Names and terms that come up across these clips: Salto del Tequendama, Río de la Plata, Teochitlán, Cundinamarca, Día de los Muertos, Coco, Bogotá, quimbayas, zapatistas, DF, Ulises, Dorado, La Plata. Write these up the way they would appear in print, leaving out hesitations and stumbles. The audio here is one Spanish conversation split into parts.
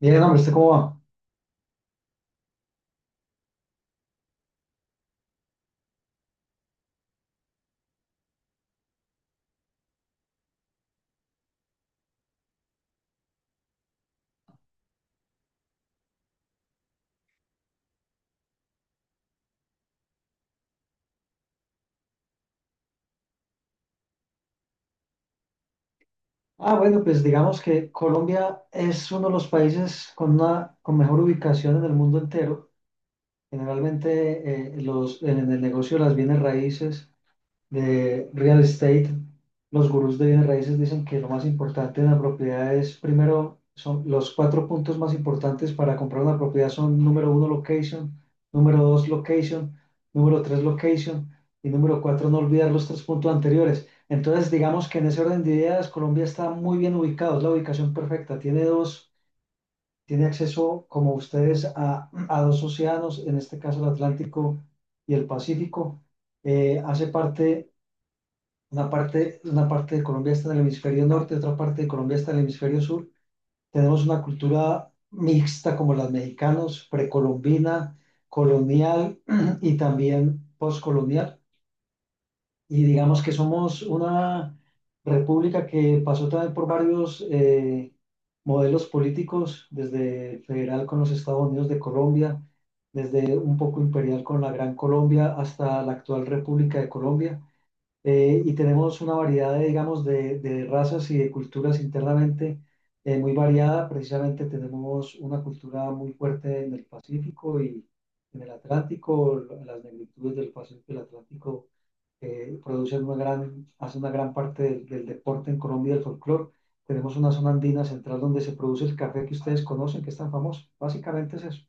Bien, hombre, ¿usted cómo va? Ah, bueno, pues digamos que Colombia es uno de los países con una con mejor ubicación en el mundo entero. Generalmente en el negocio de las bienes raíces de real estate, los gurús de bienes raíces dicen que lo más importante en la propiedad es, primero, son los cuatro puntos más importantes para comprar una propiedad son número uno, location, número dos, location, número tres, location y número cuatro, no olvidar los tres puntos anteriores. Entonces, digamos que en ese orden de ideas, Colombia está muy bien ubicado, es la ubicación perfecta, tiene acceso, como ustedes, a dos océanos, en este caso el Atlántico y el Pacífico. Hace parte una parte de Colombia está en el hemisferio norte, otra parte de Colombia está en el hemisferio sur. Tenemos una cultura mixta como los mexicanos, precolombina, colonial y también postcolonial. Y digamos que somos una república que pasó también por varios modelos políticos, desde federal con los Estados Unidos de Colombia, desde un poco imperial con la Gran Colombia hasta la actual República de Colombia, y tenemos una variedad de, digamos, de razas y de culturas internamente, muy variada. Precisamente tenemos una cultura muy fuerte en el Pacífico y en el Atlántico. Las negritudes del Pacífico y el Atlántico producen una gran, hacen una gran parte del deporte en Colombia y del folclore. Tenemos una zona andina central donde se produce el café que ustedes conocen, que es tan famoso. Básicamente es eso.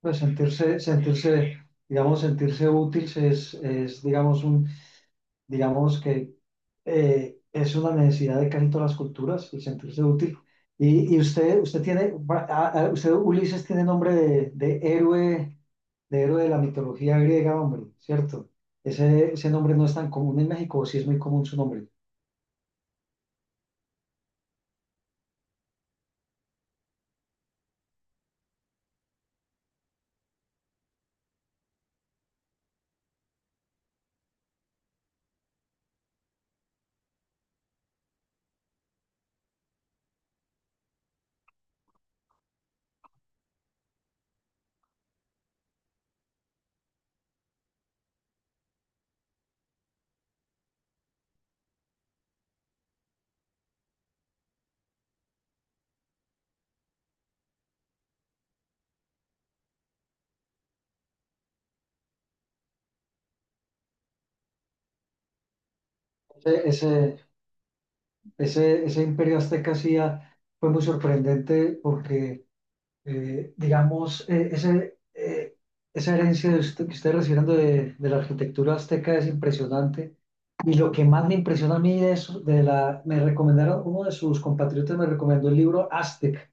Pues sentirse, digamos, sentirse útil es digamos, un... Digamos que es una necesidad de casi todas las culturas el sentirse útil. Y usted tiene, usted, Ulises, tiene nombre de héroe, de héroe de la mitología griega, hombre, ¿cierto? Ese nombre no es tan común en México, o sí es muy común su nombre. Ese, ese, ese imperio azteca sí fue muy sorprendente porque digamos, esa herencia de que ustedes recibieron de la arquitectura azteca es impresionante. Y lo que más me impresiona a mí de eso, de la, me recomendaron, uno de sus compatriotas me recomendó el libro Aztec,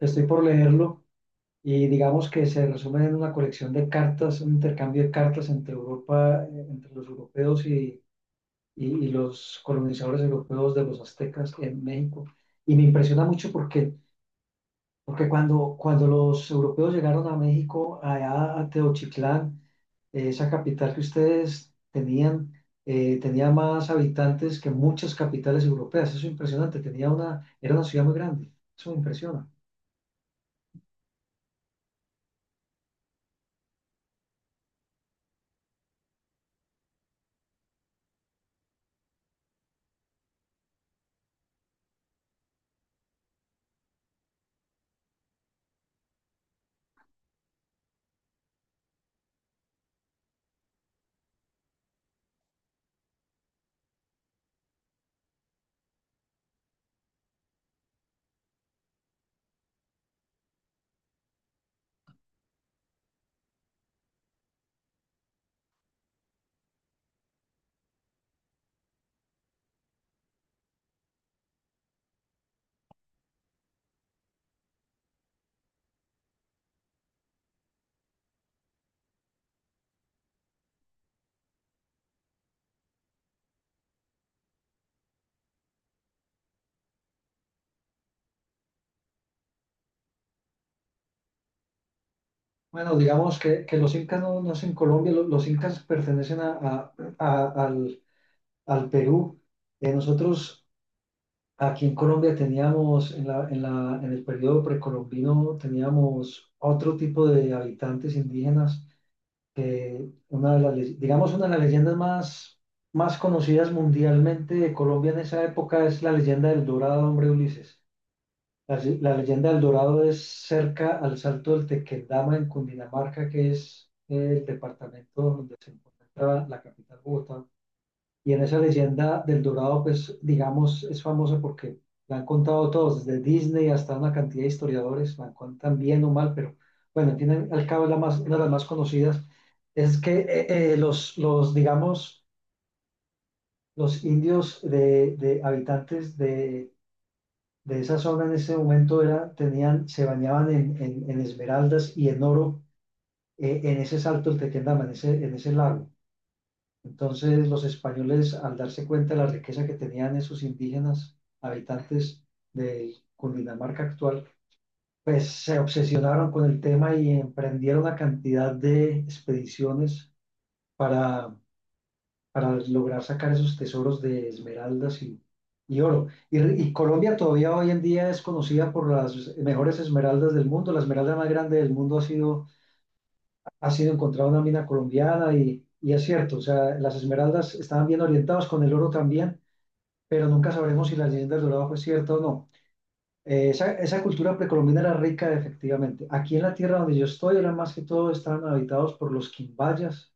estoy por leerlo, y digamos que se resume en una colección de cartas, un intercambio de cartas entre Europa, entre los europeos y, y los colonizadores europeos de los aztecas en México. Y me impresiona mucho porque cuando los europeos llegaron a México, allá a Teochitlán, esa capital que ustedes tenían, tenía más habitantes que muchas capitales europeas. Eso es impresionante. Era una ciudad muy grande. Eso me impresiona. Bueno, digamos que los incas no es en Colombia, incas pertenecen a, al, al Perú. Nosotros aquí en Colombia teníamos, en el periodo precolombino, teníamos otro tipo de habitantes indígenas, una de digamos, una de las leyendas más, más conocidas mundialmente de Colombia en esa época es la leyenda del Dorado, hombre Ulises. La leyenda del Dorado es cerca al Salto del Tequendama en Cundinamarca, que es el departamento donde se encuentra la capital Bogotá. Y en esa leyenda del Dorado, pues digamos, es famosa porque la han contado todos, desde Disney hasta una cantidad de historiadores, la cuentan bien o mal, pero bueno, al fin y al cabo es la más, una de las más conocidas. Es que digamos, los indios de habitantes de esa zona en ese momento era, tenían, se bañaban en esmeraldas y en oro, en ese salto, el Tequendama, en en ese lago. Entonces los españoles, al darse cuenta de la riqueza que tenían esos indígenas habitantes de Cundinamarca actual, pues se obsesionaron con el tema y emprendieron una cantidad de expediciones para, para lograr sacar esos tesoros de esmeraldas y oro. Y Colombia todavía hoy en día es conocida por las mejores esmeraldas del mundo. La esmeralda más grande del mundo ha sido encontrada una mina colombiana y es cierto, o sea, las esmeraldas estaban bien orientadas con el oro también, pero nunca sabremos si la leyenda del dorado fue cierta o no. Esa cultura precolombina era rica efectivamente. Aquí en la tierra donde yo estoy, eran más que todo, estaban habitados por los quimbayas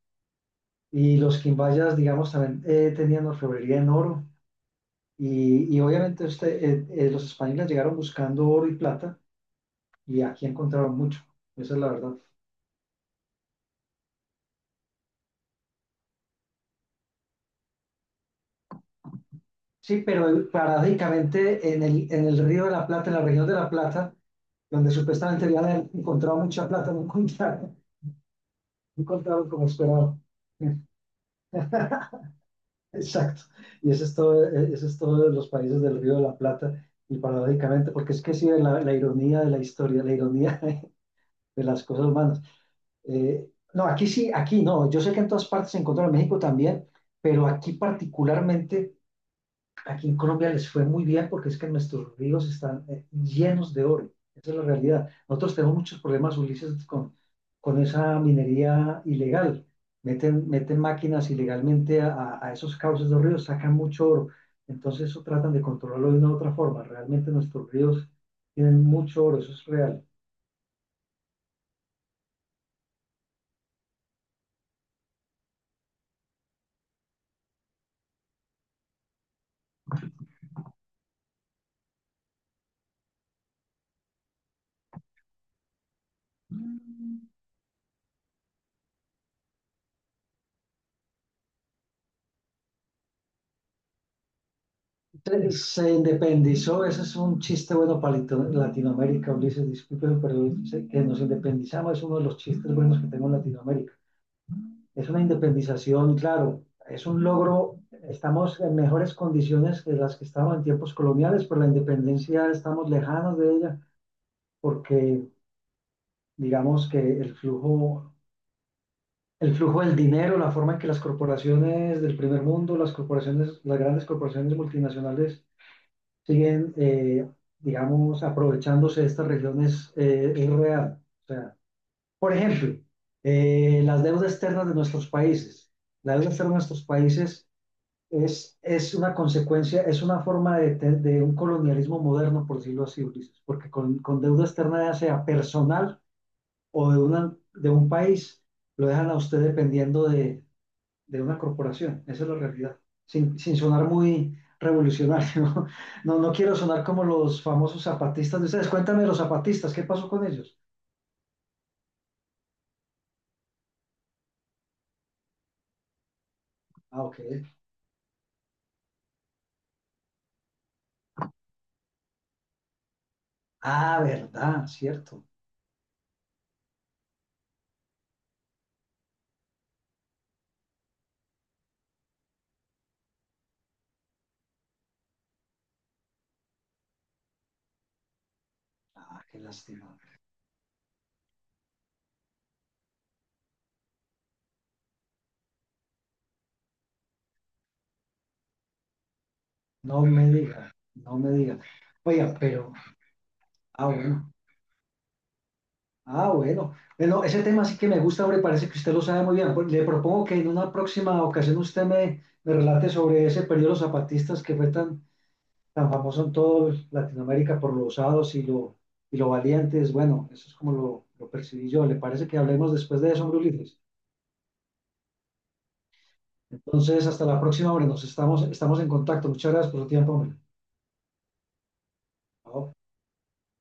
y los quimbayas, digamos, también tenían orfebrería en oro. Y obviamente este, los españoles llegaron buscando oro y plata y aquí encontraron mucho. Esa es la verdad. Sí, pero paradójicamente en el Río de la Plata, en la región de La Plata, donde supuestamente habían encontrado mucha plata, no encontraron, no encontraron como esperaban. Exacto. Y eso es todo de los países del Río de la Plata. Y paradójicamente, porque es que sí, la ironía de la historia, la ironía de las cosas humanas. No, aquí sí, aquí no. Yo sé que en todas partes se encontró en México también, pero aquí particularmente aquí en Colombia les fue muy bien porque es que nuestros ríos están llenos de oro. Esa es la realidad. Nosotros tenemos muchos problemas, Ulises, con esa minería ilegal. Meten máquinas ilegalmente a esos cauces de los ríos, sacan mucho oro. Entonces eso tratan de controlarlo de una u otra forma. Realmente nuestros ríos tienen mucho oro, eso es real. Entonces, se independizó, ese es un chiste bueno para Latinoamérica, Ulises, disculpen, pero que nos independizamos es uno de los chistes buenos que tengo en Latinoamérica. Es una independización, claro, es un logro, estamos en mejores condiciones que las que estaban en tiempos coloniales, pero la independencia estamos lejanos de ella porque digamos que el flujo del dinero, la forma en que las corporaciones del primer mundo, las corporaciones, las grandes corporaciones multinacionales siguen, digamos, aprovechándose de estas regiones, es real. O sea, por ejemplo, las deudas externas de nuestros países. La deuda externa de nuestros países es una consecuencia, es una forma de, de un colonialismo moderno, por decirlo así, Ulises, porque con deuda externa, ya sea personal o de un país, lo dejan a usted dependiendo de una corporación. Esa es la realidad, sin, sin sonar muy revolucionario. No, no quiero sonar como los famosos zapatistas de ustedes. Cuéntame los zapatistas, ¿qué pasó con ellos? Ah, ok. Ah, verdad, cierto. Ah, qué lástima. No me diga, no me diga. Oiga, pero, ah, bueno. Ah, bueno. Bueno, ese tema sí que me gusta, hombre, parece que usted lo sabe muy bien. Pues, le propongo que en una próxima ocasión usted me relate sobre ese periodo de los zapatistas que fue tan, tan famoso en toda Latinoamérica por los osados y y lo valientes. Bueno, eso es como lo percibí yo. ¿Le parece que hablemos después de eso, hombre, Ulises? Entonces, hasta la próxima, hombre, nos estamos en contacto. Muchas gracias por su tiempo, hombre. Chao.